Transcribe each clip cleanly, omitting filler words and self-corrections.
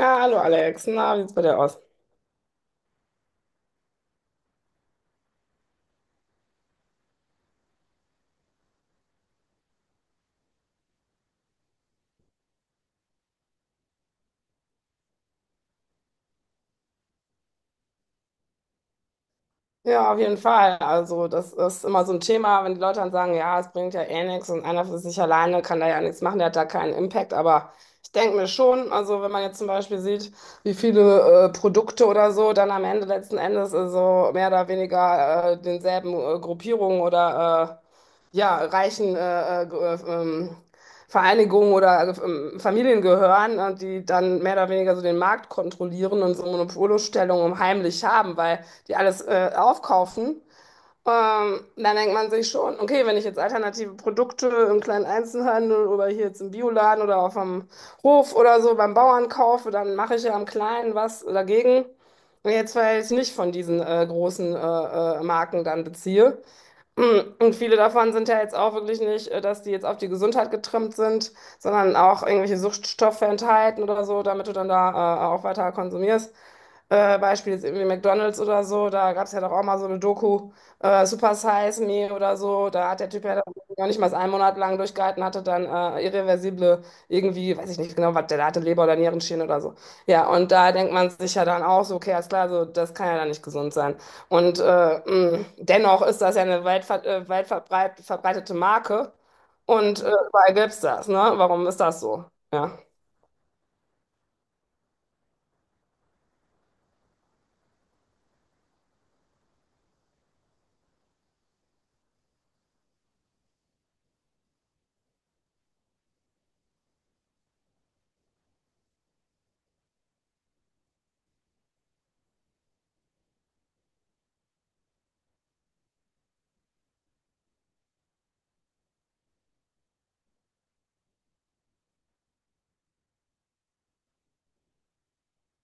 Ja, hallo Alex, na, wie sieht's bei dir aus? Ja, auf jeden Fall. Also, das ist immer so ein Thema, wenn die Leute dann sagen, ja, es bringt ja eh nichts und einer für sich alleine kann da ja nichts machen, der hat da keinen Impact. Aber ich denke mir schon, also wenn man jetzt zum Beispiel sieht, wie viele Produkte oder so dann am Ende letzten Endes so mehr oder weniger denselben Gruppierungen oder ja, reichen äh, ähm, Vereinigungen oder Familien gehören, die dann mehr oder weniger so den Markt kontrollieren und so Monopolstellungen um heimlich haben, weil die alles aufkaufen. Dann denkt man sich schon, okay, wenn ich jetzt alternative Produkte im kleinen Einzelhandel oder hier jetzt im Bioladen oder auf dem Hof oder so beim Bauern kaufe, dann mache ich ja am Kleinen was dagegen. Jetzt, weil ich nicht von diesen großen Marken dann beziehe. Und viele davon sind ja jetzt auch wirklich nicht, dass die jetzt auf die Gesundheit getrimmt sind, sondern auch irgendwelche Suchtstoffe enthalten oder so, damit du dann da auch weiter konsumierst. Beispiel ist irgendwie McDonald's oder so, da gab es ja doch auch mal so eine Doku, Super Size Me oder so, da hat der Typ ja dann noch nicht mal einen Monat lang durchgehalten, hatte dann irreversible, irgendwie, weiß ich nicht genau, was der da hatte, Leber- oder Nierenschäden oder so. Ja, und da denkt man sich ja dann auch so, okay, alles klar, so, das kann ja dann nicht gesund sein. Und dennoch ist das ja eine weit verbreitete Marke und überall gibt es das, ne? Warum ist das so? Ja.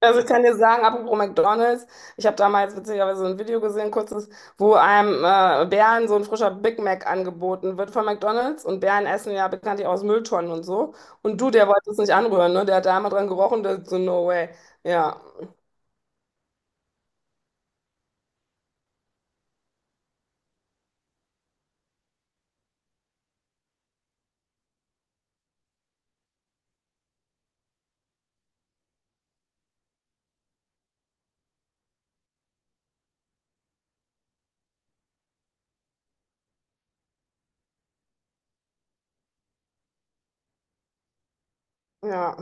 Also ich kann dir sagen, apropos McDonald's, ich habe damals witzigerweise ein Video gesehen, kurzes, wo einem Bären so ein frischer Big Mac angeboten wird von McDonald's und Bären essen ja bekanntlich aus Mülltonnen und so. Und du, der wollte es nicht anrühren, ne? Der hat da einmal dran gerochen, der so, no way. Ja, ja.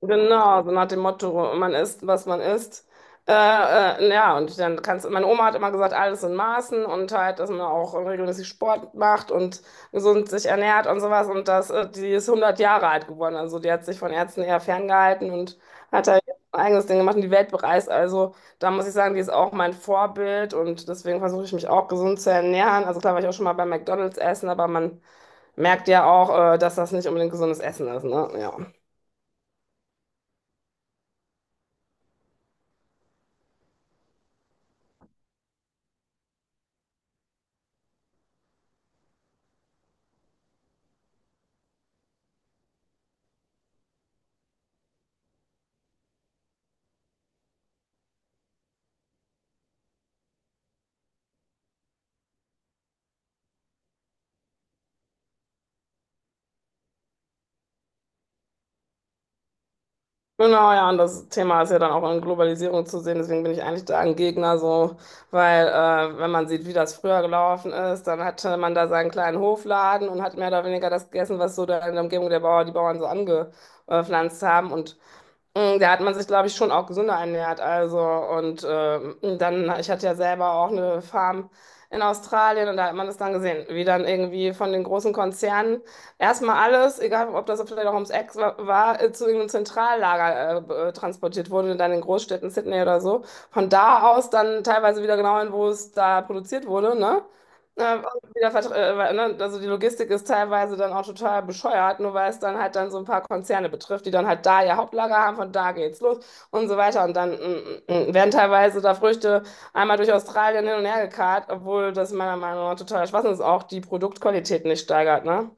Genau, so nach dem Motto, man isst, was man isst. Ja, und dann kannst meine Oma hat immer gesagt, alles in Maßen und halt, dass man auch regelmäßig Sport macht und gesund sich ernährt und sowas. Und das, die ist 100 Jahre alt geworden. Also die hat sich von Ärzten eher ferngehalten und hat halt ein eigenes Ding gemacht und die Welt bereist. Also da muss ich sagen, die ist auch mein Vorbild und deswegen versuche ich mich auch gesund zu ernähren. Also klar war ich auch schon mal bei McDonald's essen, aber man merkt ja auch, dass das nicht unbedingt gesundes Essen ist, ne? Ja. Genau, ja, und das Thema ist ja dann auch in Globalisierung zu sehen, deswegen bin ich eigentlich da ein Gegner, so, weil wenn man sieht, wie das früher gelaufen ist, dann hatte man da seinen kleinen Hofladen und hat mehr oder weniger das gegessen, was so da in der Umgebung der Bauer, die Bauern so angepflanzt haben und da hat man sich, glaube ich, schon auch gesünder ernährt. Also, und dann, ich hatte ja selber auch eine Farm in Australien und da hat man das dann gesehen, wie dann irgendwie von den großen Konzernen erstmal alles, egal ob das vielleicht auch ums Eck war, zu irgendeinem Zentrallager transportiert wurde, dann in Großstädten, Sydney oder so. Von da aus dann teilweise wieder genau hin, wo es da produziert wurde, ne? Äh, Weil, ne, also die Logistik ist teilweise dann auch total bescheuert, nur weil es dann halt dann so ein paar Konzerne betrifft, die dann halt da ihr Hauptlager haben, von da geht's los und so weiter. Und dann werden teilweise da Früchte einmal durch Australien hin und her gekarrt, obwohl das meiner Meinung nach total Schwachsinn ist, auch die Produktqualität nicht steigert, ne?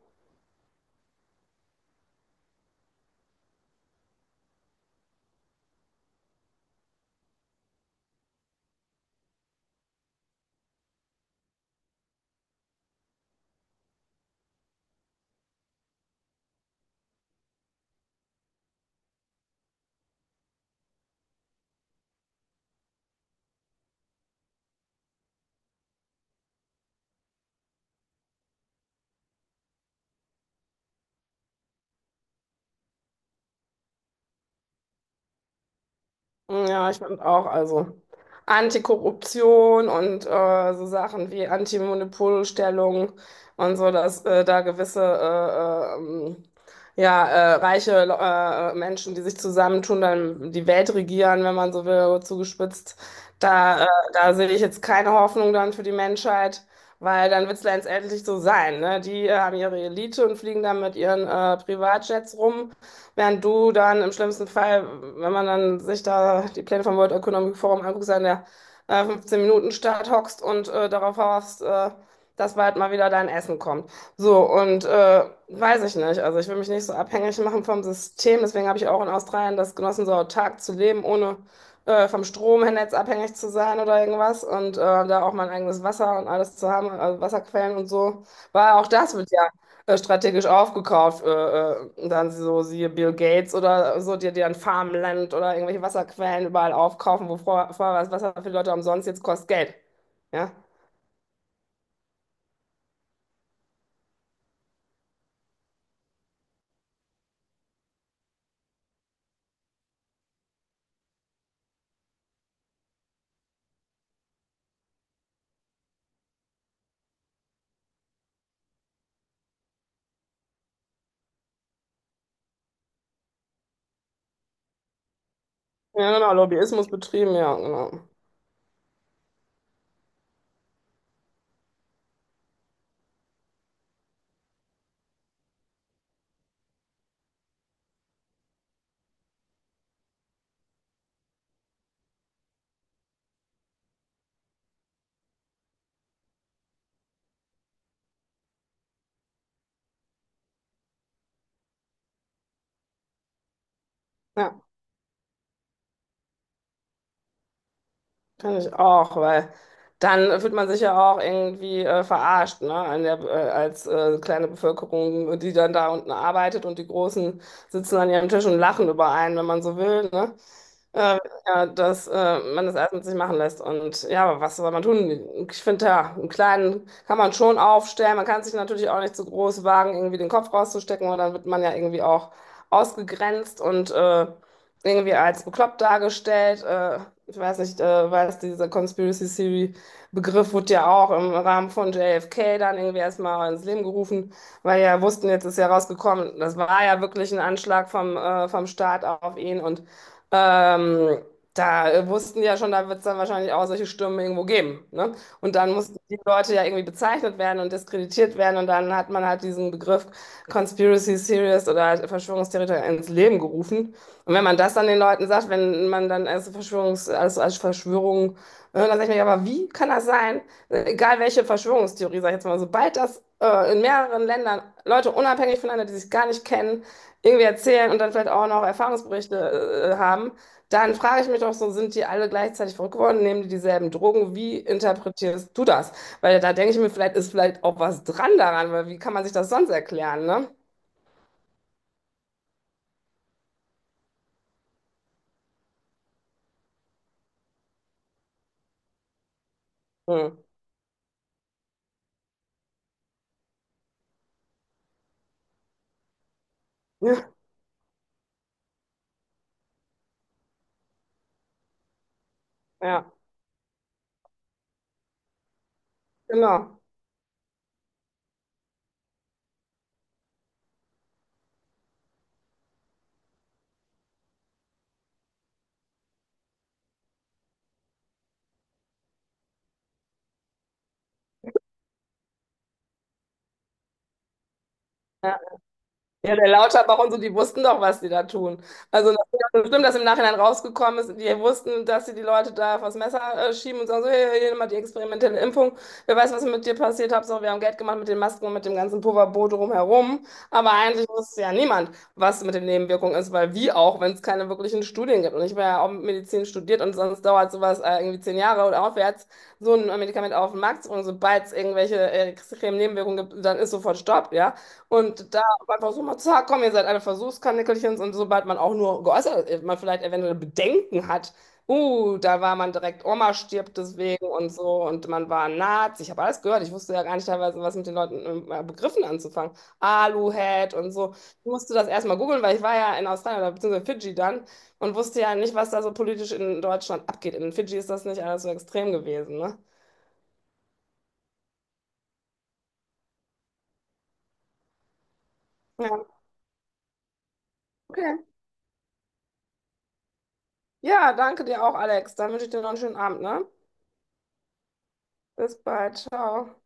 Ja, ich finde auch, also Antikorruption und so Sachen wie Antimonopolstellung und so, dass da gewisse ja, reiche Menschen, die sich zusammentun, dann die Welt regieren, wenn man so will, zugespitzt. Da, äh, Da sehe ich jetzt keine Hoffnung dann für die Menschheit, weil dann wird es letztendlich so sein, ne? Die haben ihre Elite und fliegen dann mit ihren Privatjets rum. Während du dann im schlimmsten Fall, wenn man dann sich da die Pläne vom World Economic Forum anguckt, so in der 15-Minuten-Stadt hockst und darauf hoffst, dass bald mal wieder dein Essen kommt. So, und weiß ich nicht. Also ich will mich nicht so abhängig machen vom System. Deswegen habe ich auch in Australien das genossen, so autark zu leben, ohne vom Stromnetz abhängig zu sein oder irgendwas. Und da auch mein eigenes Wasser und alles zu haben, also Wasserquellen und so. War auch das wird ja strategisch aufgekauft. Und dann so siehe Bill Gates oder so, die dir ein Farmland oder irgendwelche Wasserquellen überall aufkaufen, wo vorher, vorher war das Wasser für die Leute umsonst, jetzt kostet Geld. Ja, ja genau, Lobbyismus betrieben, ja, genau. Ja. Kann ich auch, weil dann fühlt man sich ja auch irgendwie verarscht, ne? An der, als kleine Bevölkerung, die dann da unten arbeitet und die Großen sitzen an ihrem Tisch und lachen über einen, wenn man so will, ne? Äh, ja, dass man das alles mit sich machen lässt. Und ja, aber was soll man tun? Ich finde, ja, einen kleinen kann man schon aufstellen. Man kann sich natürlich auch nicht zu groß wagen, irgendwie den Kopf rauszustecken, weil dann wird man ja irgendwie auch ausgegrenzt und irgendwie als bekloppt dargestellt. Ich weiß nicht, dieser Conspiracy Theory-Begriff wurde ja auch im Rahmen von JFK dann irgendwie erstmal ins Leben gerufen, weil ja wussten, jetzt ist ja rausgekommen, das war ja wirklich ein Anschlag vom Staat auf ihn und ähm, da wussten die ja schon, da wird es dann wahrscheinlich auch solche Stürme irgendwo geben. Ne? Und dann mussten die Leute ja irgendwie bezeichnet werden und diskreditiert werden. Und dann hat man halt diesen Begriff Conspiracy Theorist oder halt Verschwörungstheoretiker ins Leben gerufen. Und wenn man das dann den Leuten sagt, wenn man dann als Verschwörungs, als, als Verschwörung, dann sage ich mir, ja, aber wie kann das sein? Egal welche Verschwörungstheorie, sag ich jetzt mal, sobald das in mehreren Ländern Leute unabhängig voneinander, die sich gar nicht kennen, irgendwie erzählen und dann vielleicht auch noch Erfahrungsberichte haben, dann frage ich mich doch so, sind die alle gleichzeitig verrückt geworden, nehmen die dieselben Drogen? Wie interpretierst du das? Weil da denke ich mir, vielleicht ist vielleicht auch was dran daran, weil wie kann man sich das sonst erklären, ne? Hm. Ja, ja, genau. Ja. Ja, der Lauterbach und so, die wussten doch, was die da tun. Also das ist ja bestimmt, dass im Nachhinein rausgekommen ist, die wussten, dass sie die Leute da vors Messer schieben und sagen so, hey, hier mal die experimentelle Impfung. Wer weiß, was mit dir passiert, Hauptsache, wir haben Geld gemacht mit den Masken und mit dem ganzen Pulverboot drumherum. Aber eigentlich wusste ja niemand, was mit den Nebenwirkungen ist, weil wie auch, wenn es keine wirklichen Studien gibt. Und ich war ja auch Medizin studiert und sonst dauert sowas irgendwie 10 Jahre oder aufwärts, so ein Medikament auf den Markt zu bringen. Sobald es irgendwelche extremen Nebenwirkungen gibt, dann ist sofort Stopp, ja. Und aber einfach so mal, zack, komm, ihr seid alle Versuchskaninchen und sobald man auch nur geäußert, man vielleicht eventuell Bedenken hat, da war man direkt, Oma stirbt deswegen und so und man war ein Nazi, ich habe alles gehört, ich wusste ja gar nicht teilweise, was mit den Leuten Begriffen anzufangen, Aluhut und so, ich musste das erstmal googeln, weil ich war ja in Australien oder beziehungsweise Fidschi dann und wusste ja nicht, was da so politisch in Deutschland abgeht, in Fidschi ist das nicht alles so extrem gewesen, ne? Ja, okay. Ja, danke dir auch, Alex, dann wünsche ich dir noch einen schönen Abend, ne? Bis bald, ciao.